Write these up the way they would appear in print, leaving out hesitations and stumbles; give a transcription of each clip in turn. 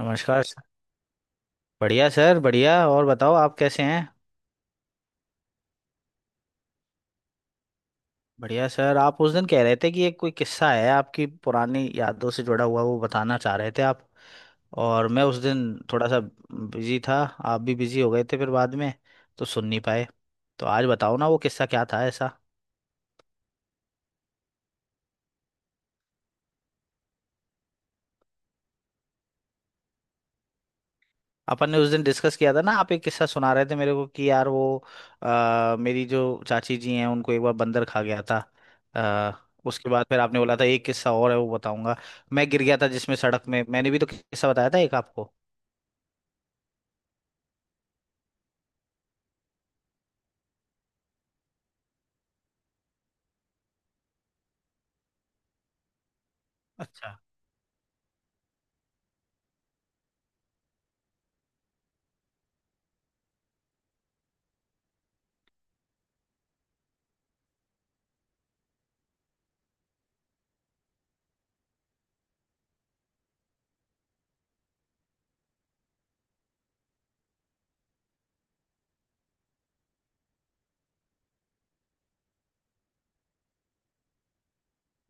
नमस्कार सर। बढ़िया सर, बढ़िया। और बताओ आप कैसे हैं? बढ़िया सर। आप उस दिन कह रहे थे कि एक कोई किस्सा है आपकी पुरानी यादों से जुड़ा हुआ, वो बताना चाह रहे थे आप। और मैं उस दिन थोड़ा सा बिजी था, आप भी बिजी हो गए थे फिर बाद में, तो सुन नहीं पाए। तो आज बताओ ना वो किस्सा क्या था ऐसा। अपन ने उस दिन डिस्कस किया था ना, आप एक किस्सा सुना रहे थे मेरे को कि यार वो मेरी जो चाची जी हैं उनको एक बार बंदर खा गया था। आ, उसके बाद फिर आपने बोला था एक किस्सा और है, वो बताऊंगा। मैं गिर गया था जिसमें सड़क में, मैंने भी तो किस्सा बताया था एक आपको। अच्छा।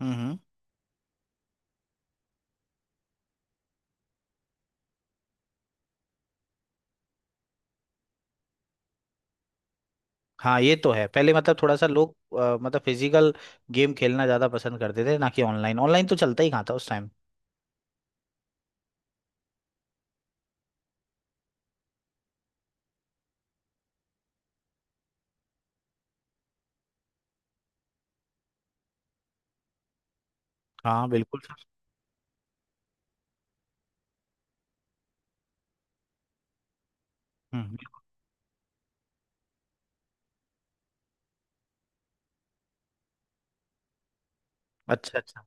हम्म। हाँ, ये तो है। पहले मतलब थोड़ा सा लोग मतलब फिजिकल गेम खेलना ज्यादा पसंद करते थे, ना कि ऑनलाइन। ऑनलाइन तो चलता ही कहाँ था उस टाइम। हाँ बिल्कुल। हम्म। अच्छा अच्छा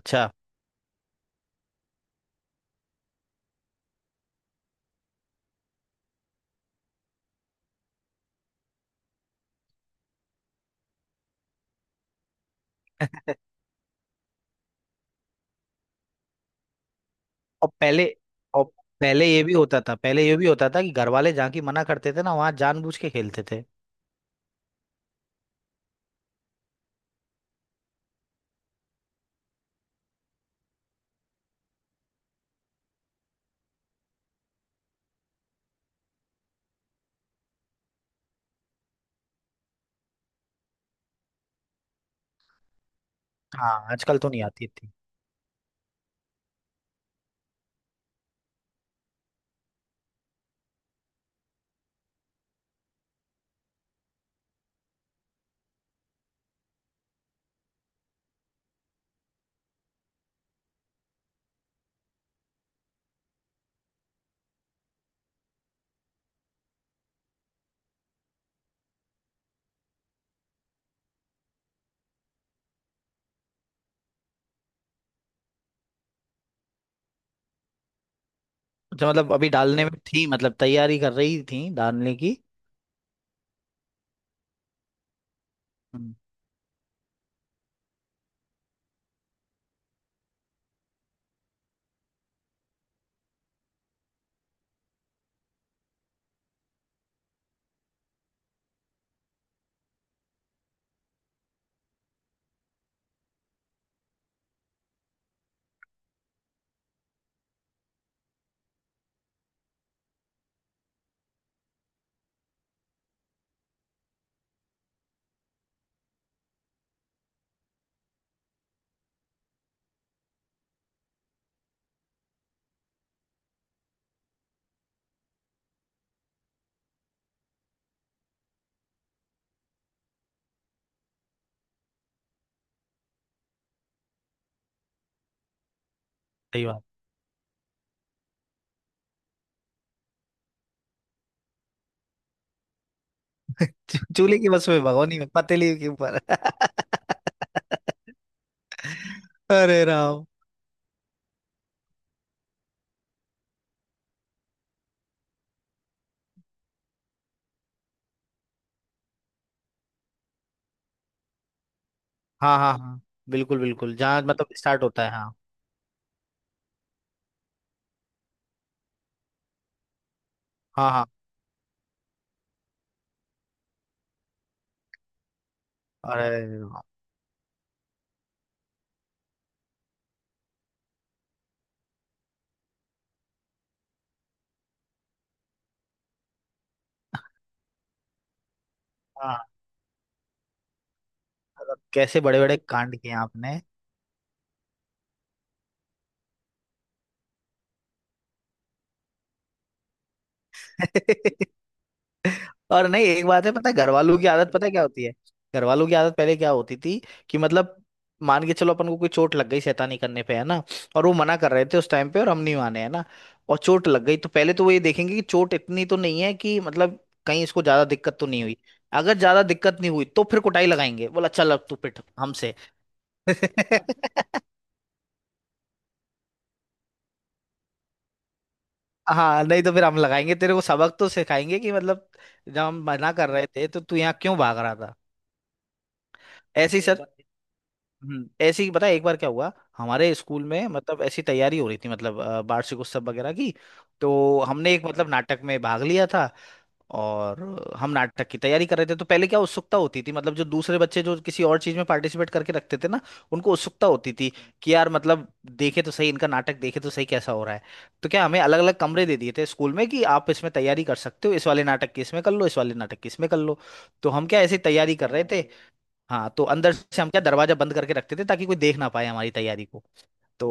अच्छा। और पहले और पहले ये भी होता था, कि घर वाले जहाँ की मना करते थे ना, वहां जानबूझ के खेलते थे। हाँ, आजकल तो नहीं आती थी। तो मतलब अभी डालने में थी, मतलब तैयारी कर रही थी डालने की। हम्म। सही बात। चूल्हे की बस में, भगोनी में, पतीली के ऊपर। अरे राम। हाँ हाँ हाँ, बिल्कुल बिल्कुल। जहाँ मतलब स्टार्ट होता है, हाँ। हाँ हाँ। अरे राम। हाँ। मतलब कैसे बड़े बड़े कांड किए आपने। और नहीं, एक बात है, पता है घर वालों की आदत पता है क्या होती है? घर वालों की आदत पहले क्या होती थी कि मतलब मान के चलो अपन को कोई चोट लग गई शैतानी करने पे, है ना। और वो मना कर रहे थे उस टाइम पे, और हम नहीं माने, है ना। और चोट लग गई, तो पहले तो वो ये देखेंगे कि चोट इतनी तो नहीं है कि मतलब कहीं इसको ज्यादा दिक्कत तो नहीं हुई। अगर ज्यादा दिक्कत नहीं हुई तो फिर कुटाई लगाएंगे, बोला चल अब तू पिट हमसे। हाँ, नहीं तो फिर हम लगाएंगे, तेरे को सबक तो सिखाएंगे कि मतलब जब हम मना कर रहे थे तो तू यहाँ क्यों भाग रहा था। ऐसे ही सर। ऐसे ही पता है एक बार क्या हुआ। हमारे स्कूल में मतलब ऐसी तैयारी हो रही थी, मतलब वार्षिक उत्सव वगैरह की। तो हमने एक मतलब नाटक में भाग लिया था। और हम नाटक की तैयारी कर रहे थे, तो पहले क्या उत्सुकता होती थी मतलब जो दूसरे बच्चे जो किसी और चीज में पार्टिसिपेट करके रखते थे ना, उनको उत्सुकता होती थी कि यार मतलब देखे तो सही इनका नाटक देखे तो सही कैसा हो रहा है। तो क्या हमें अलग अलग कमरे दे दिए थे स्कूल में कि आप इसमें तैयारी कर सकते हो, इस वाले नाटक की इसमें कर लो, इस वाले नाटक की इसमें कर लो। तो हम क्या ऐसी तैयारी कर रहे थे। हाँ, तो अंदर से हम क्या दरवाजा बंद करके रखते थे ताकि कोई देख ना पाए हमारी तैयारी को। तो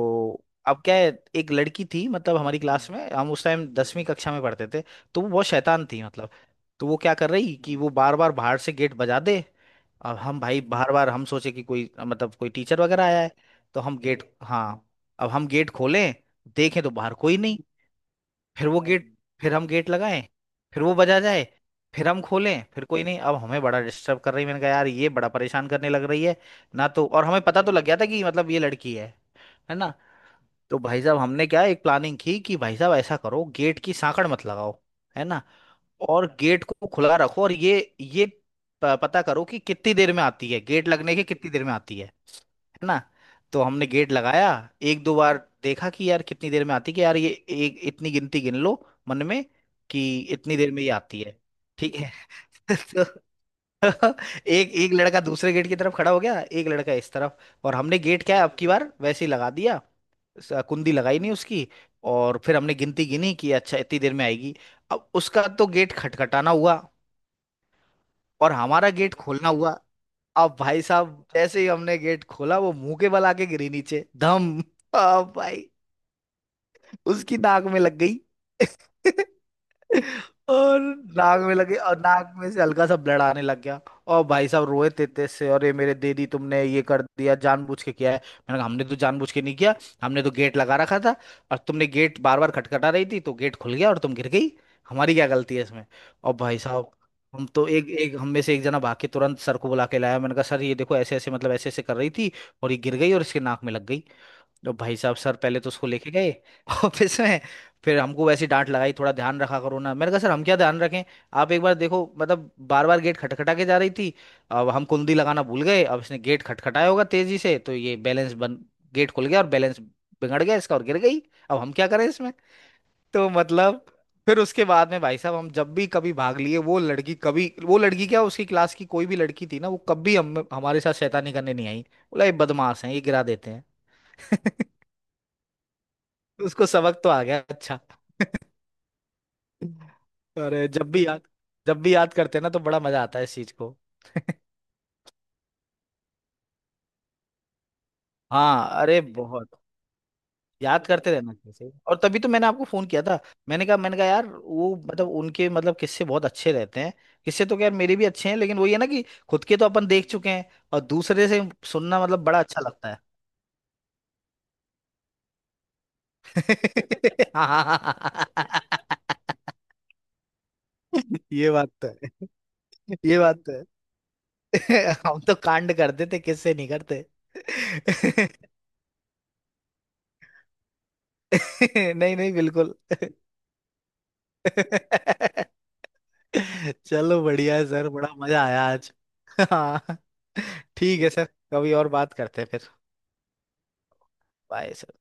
अब क्या है, एक लड़की थी मतलब हमारी क्लास में, हम उस टाइम 10वीं कक्षा में पढ़ते थे। तो वो बहुत शैतान थी मतलब। तो वो क्या कर रही कि वो बार बार बाहर से गेट बजा दे। अब हम, भाई बार बार हम सोचे कि कोई मतलब कोई टीचर वगैरह आया है। तो हम गेट, हाँ, अब हम गेट खोलें, देखें तो बाहर कोई नहीं। फिर वो गेट, फिर हम गेट लगाएं, फिर वो बजा जाए, फिर हम खोलें, फिर कोई नहीं। अब हमें बड़ा डिस्टर्ब कर रही है। मैंने कहा यार ये बड़ा परेशान करने लग रही है। ना तो और हमें पता तो लग गया था कि मतलब ये लड़की है ना। तो भाई साहब हमने क्या एक प्लानिंग की कि भाई साहब ऐसा करो, गेट की सांकड़ मत लगाओ, है ना। और गेट को खुला रखो और पता करो कि कितनी देर में आती है, गेट लगने के कितनी देर में आती है ना। तो हमने गेट लगाया, एक दो बार देखा कि यार कितनी देर में आती है, कि यार ये एक इतनी गिनती गिन लो मन में कि इतनी देर में ये आती है। ठीक है। तो एक एक लड़का दूसरे गेट की तरफ खड़ा हो गया, एक लड़का इस तरफ। और हमने गेट क्या है अब की बार वैसे ही लगा दिया, कुंडी लगाई नहीं उसकी। और फिर हमने गिनती गिनी कि अच्छा इतनी देर में आएगी। अब उसका तो गेट खटखटाना हुआ और हमारा गेट खोलना हुआ। अब भाई साहब जैसे ही हमने गेट खोला वो मुंह के बल आके गिरी नीचे धम। अब भाई उसकी नाक में लग गई। और नाक में लगे और नाक में से हल्का सा ब्लड आने लग गया। और भाई साहब रोए थे तेज से, और ये मेरे, दीदी तुमने ये कर दिया जानबूझ के किया है। मैंने कहा हमने तो जानबूझ के नहीं किया, हमने तो गेट लगा रखा था, और तुमने गेट बार बार खटखटा रही थी तो गेट खुल गया और तुम गिर गई, हमारी क्या गलती है इसमें। और भाई साहब हम तो एक एक हम में से एक जना भाग के तुरंत सर को बुला के लाया। मैंने कहा सर ये देखो, ऐसे ऐसे मतलब ऐसे ऐसे कर रही थी और ये गिर गई और इसके नाक में लग गई। तो भाई साहब सर पहले तो उसको लेके गए ऑफिस में, फिर हमको वैसी डांट लगाई, थोड़ा ध्यान रखा करो ना। मैंने कहा सर हम क्या ध्यान रखें, आप एक बार देखो मतलब बार बार गेट खटखटा के जा रही थी। अब हम कुंडी लगाना भूल गए, अब इसने गेट खटखटाया होगा तेजी से तो ये बैलेंस बन गेट खुल गया और बैलेंस बिगड़ गया इसका और गिर गई, अब हम क्या करें इसमें। तो मतलब फिर उसके बाद में भाई साहब हम जब भी कभी भाग लिए वो लड़की, कभी वो लड़की क्या उसकी क्लास की कोई भी लड़की थी ना, वो कभी हम हमारे साथ शैतानी करने नहीं आई, बोला ये बदमाश है ये गिरा देते हैं। उसको सबक तो आ गया। अच्छा। अरे जब भी याद करते हैं ना तो बड़ा मजा आता है इस चीज को। हाँ अरे बहुत याद करते रहना चाहिए। और तभी तो मैंने आपको फोन किया था। मैंने कहा यार वो मतलब उनके मतलब किस्से बहुत अच्छे रहते हैं। किस्से तो खैर मेरे भी अच्छे हैं लेकिन वही है ना कि खुद के तो अपन देख चुके हैं, और दूसरे से सुनना मतलब बड़ा अच्छा लगता है। ये बात तो है। ये बात तो है। हम तो कांड करते थे, किससे नहीं करते। नहीं नहीं, बिल्कुल। चलो बढ़िया है सर, बड़ा मजा आया आज। हाँ, ठीक है सर। कभी और बात करते हैं फिर। Bye sir.